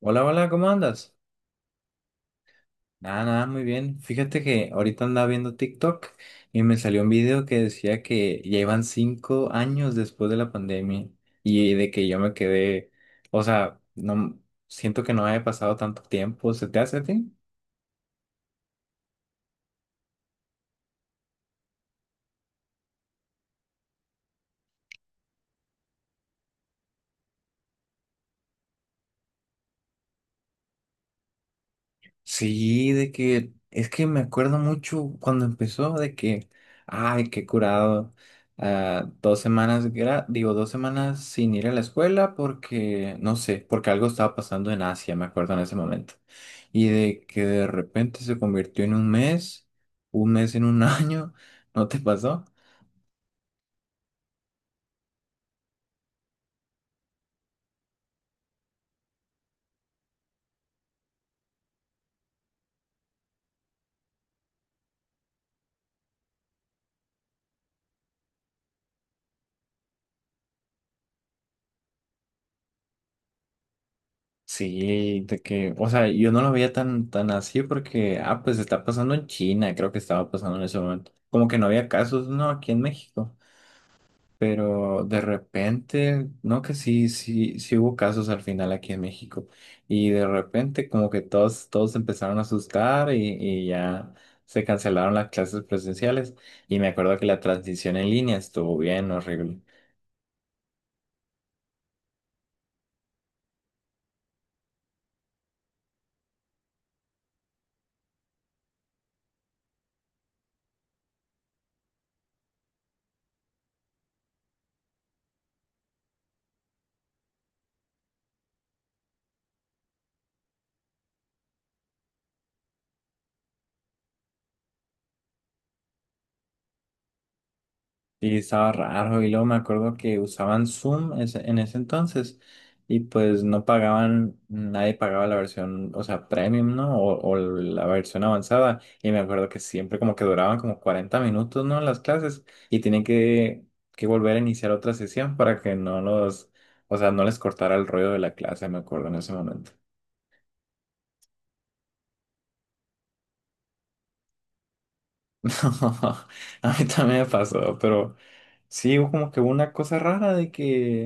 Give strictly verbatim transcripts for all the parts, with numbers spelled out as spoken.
Hola, hola, ¿cómo andas? Nada, nada, muy bien. Fíjate que ahorita andaba viendo TikTok y me salió un video que decía que ya iban cinco años después de la pandemia y de que yo me quedé, o sea, no siento que no haya pasado tanto tiempo. ¿Se te hace a ti? Sí, de que es que me acuerdo mucho cuando empezó de que, ay, qué curado, ah, dos semanas, gra- digo, dos semanas sin ir a la escuela porque, no sé, porque algo estaba pasando en Asia, me acuerdo en ese momento. Y de que de repente se convirtió en un mes, un mes en un año, ¿no te pasó? Sí, de que, o sea, yo no lo veía tan, tan así porque, ah, pues está pasando en China, creo que estaba pasando en ese momento. Como que no había casos, no, aquí en México. Pero de repente, no que sí, sí, sí hubo casos al final aquí en México. Y de repente como que todos, todos se empezaron a asustar y, y ya se cancelaron las clases presenciales. Y me acuerdo que la transición en línea estuvo bien horrible. Sí, estaba raro y luego me acuerdo que usaban Zoom ese- en ese entonces y pues no pagaban, nadie pagaba la versión, o sea, premium, ¿no? O, o la versión avanzada y me acuerdo que siempre como que duraban como cuarenta minutos, ¿no? Las clases y tenían que, que volver a iniciar otra sesión para que no los, o sea, no les cortara el rollo de la clase, me acuerdo en ese momento. A mí también me pasó, pero sí, hubo como que una cosa rara de que...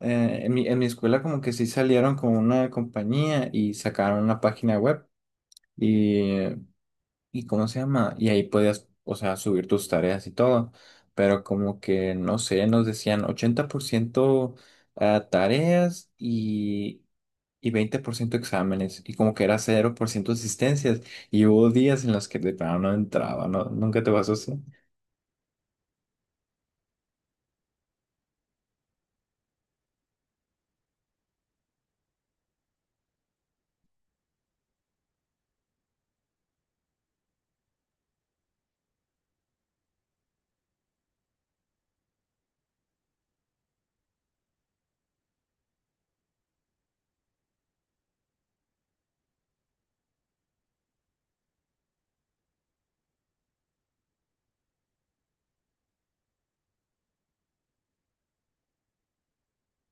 eh, en mi, en mi escuela como que sí salieron con una compañía y sacaron una página web y, y ¿cómo se llama? Y ahí podías, o sea, subir tus tareas y todo, pero como que, no sé, nos decían ochenta por ciento a tareas y, y veinte por ciento exámenes y como que era cero por ciento asistencias y hubo días en los que de plano no entraba, ¿no? ¿Nunca te pasó así?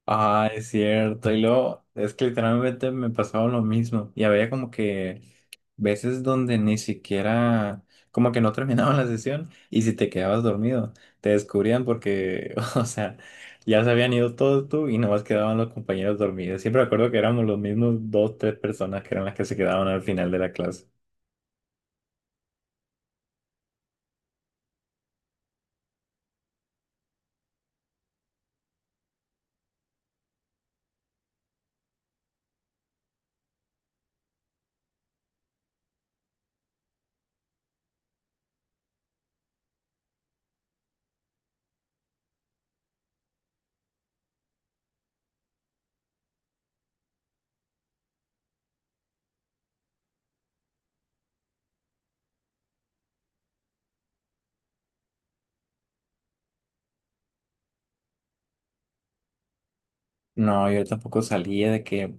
Ah, es cierto. Y luego, es que literalmente me pasaba lo mismo. Y había como que veces donde ni siquiera, como que no terminaban la sesión y si te quedabas dormido, te descubrían porque, o sea, ya se habían ido todos tú y nomás quedaban los compañeros dormidos. Siempre me acuerdo que éramos los mismos dos, tres personas que eran las que se quedaban al final de la clase. No, yo tampoco salía de que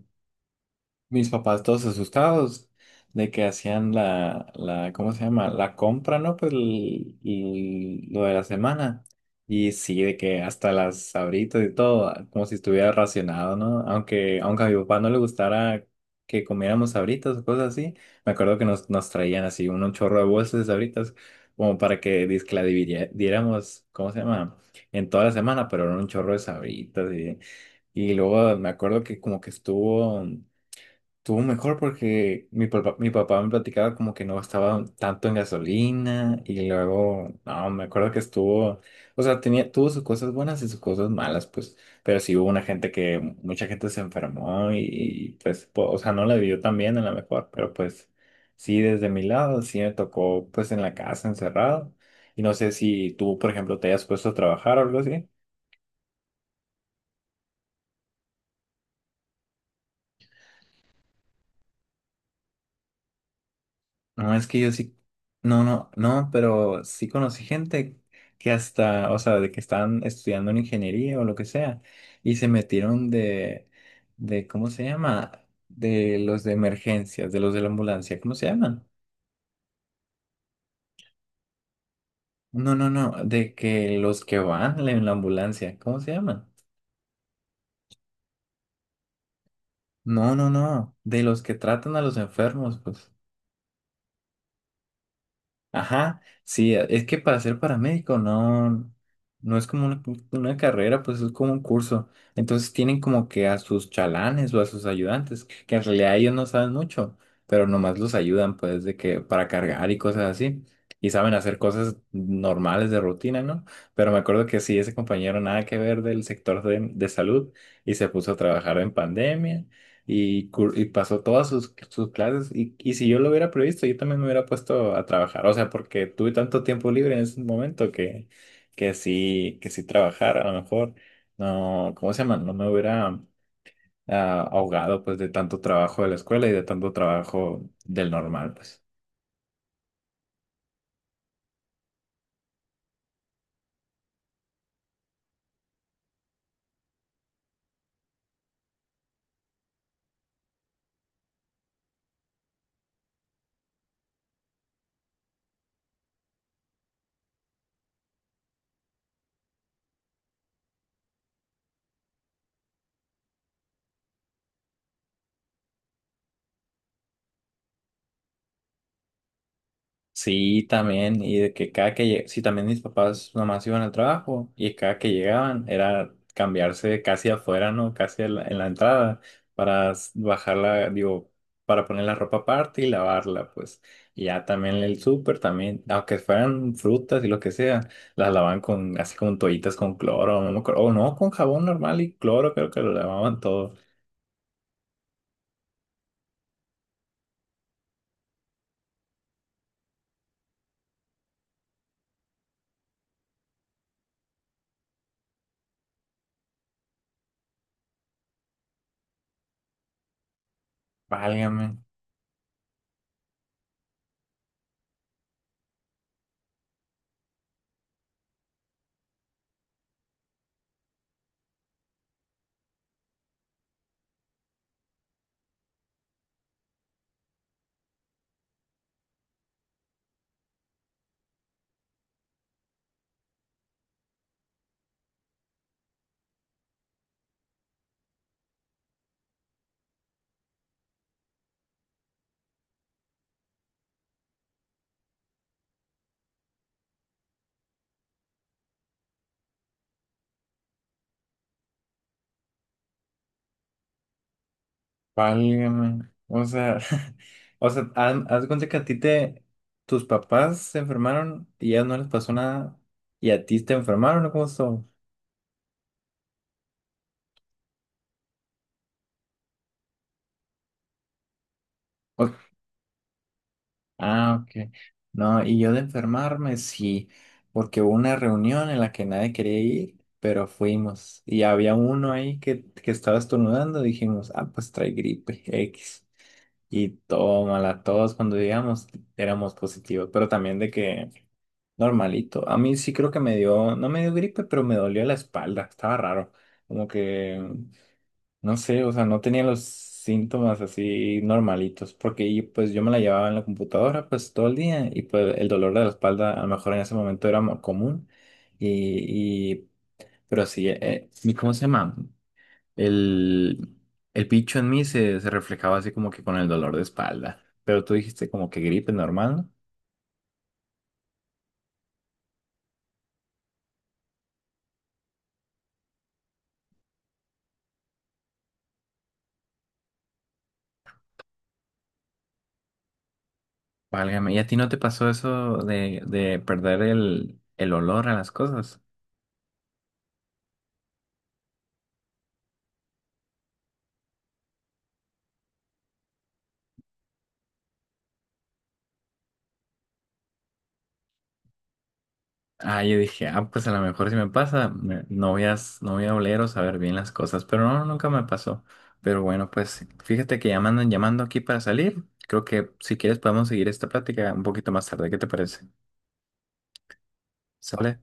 mis papás todos asustados de que hacían la, la, ¿cómo se llama? La compra, ¿no? Pues el- el- lo de la semana. Y sí, de que hasta las sabritas y todo, como si estuviera racionado, ¿no? Aunque, aunque a mi papá no le gustara que comiéramos sabritas o cosas así, me acuerdo que nos, nos traían así un, un chorro de bolsas de sabritas, como para que dizque la dividiera- diéramos, ¿cómo se llama? En toda la semana, pero era un chorro de sabritas y... Y luego me acuerdo que como que estuvo, estuvo mejor porque mi papá, mi papá me platicaba como que no gastaba tanto en gasolina y luego, no, me acuerdo que estuvo, o sea, tenía, tuvo sus cosas buenas y sus cosas malas, pues, pero sí hubo una gente que, mucha gente se enfermó y, y, pues, po- o sea, no la vivió tan bien a lo mejor, pero pues, sí, desde mi lado, sí me tocó, pues, en la casa encerrado y no sé si tú, por ejemplo, te hayas puesto a trabajar o algo así. No, es que yo sí, no, no, no, pero sí conocí gente que hasta, o sea, de que estaban estudiando en ingeniería o lo que sea, y se metieron de, de, ¿cómo se llama? De los de emergencias, de los de la ambulancia, ¿cómo se llaman? No, no, no, de que los que van en la ambulancia, ¿cómo se llaman? No, no, no, de los que tratan a los enfermos, pues. Ajá, sí, es que para ser paramédico no, no es como una, una carrera, pues es como un curso. Entonces tienen como que a sus chalanes o a sus ayudantes, que en realidad ellos no saben mucho, pero nomás los ayudan pues de que para cargar y cosas así. Y saben hacer cosas normales de rutina, ¿no? Pero me acuerdo que sí, ese compañero nada que ver del sector de, de salud y se puso a trabajar en pandemia y, cur- y pasó todas sus, sus clases y, y si yo lo hubiera previsto, yo también me hubiera puesto a trabajar, o sea, porque tuve tanto tiempo libre en ese momento que, que sí, que sí trabajar, a lo mejor, no, ¿cómo se llama? No me hubiera, ah, ahogado pues de tanto trabajo de la escuela y de tanto trabajo del normal, pues. Sí, también, y de que cada que lleg- sí, también mis papás nomás iban al trabajo y cada que llegaban era cambiarse casi afuera, ¿no? Casi en la, en la entrada para s- bajarla, digo, para poner la ropa aparte y lavarla, pues. Y ya también el súper también, aunque fueran frutas y lo que sea, las lavaban con, así como toallitas con cloro, no me acuerdo, o no, con jabón normal y cloro, creo que lo lavaban todo. Válgame. Válgame. O sea, o sea, haz, haz de cuenta que a ti te, tus papás se enfermaron y ya no les pasó nada y a ti te enfermaron, ¿o cómo estuvo? O- Ah, ok. No, y yo de enfermarme, sí, porque hubo una reunión en la que nadie quería ir, pero fuimos y había uno ahí que, que estaba estornudando, dijimos, ah, pues trae gripe X. Y tómala, todos cuando llegamos éramos positivos, pero también de que... Normalito. A mí sí creo que me dio, no me dio gripe, pero me dolió la espalda. Estaba raro. Como que, no sé, o sea, no tenía los síntomas así normalitos, porque y, pues yo me la llevaba en la computadora pues todo el día y pues el dolor de la espalda a lo mejor en ese momento era mo- común. Y, y pero sí, eh, mi- ¿cómo se llama? El, el bicho en mí se, se reflejaba así como que con el dolor de espalda. Pero tú dijiste como que gripe normal, ¿no? Válgame, ¿y a ti no te pasó eso de, de perder el, el olor a las cosas? Ah, yo dije, ah, pues a lo mejor si me pasa, me- no voy a, s- no voy a oler o saber bien las cosas, pero no, nunca me pasó. Pero bueno, pues fíjate que ya me andan llamando aquí para salir. Creo que si quieres podemos seguir esta plática un poquito más tarde, ¿qué te parece? ¿Sale?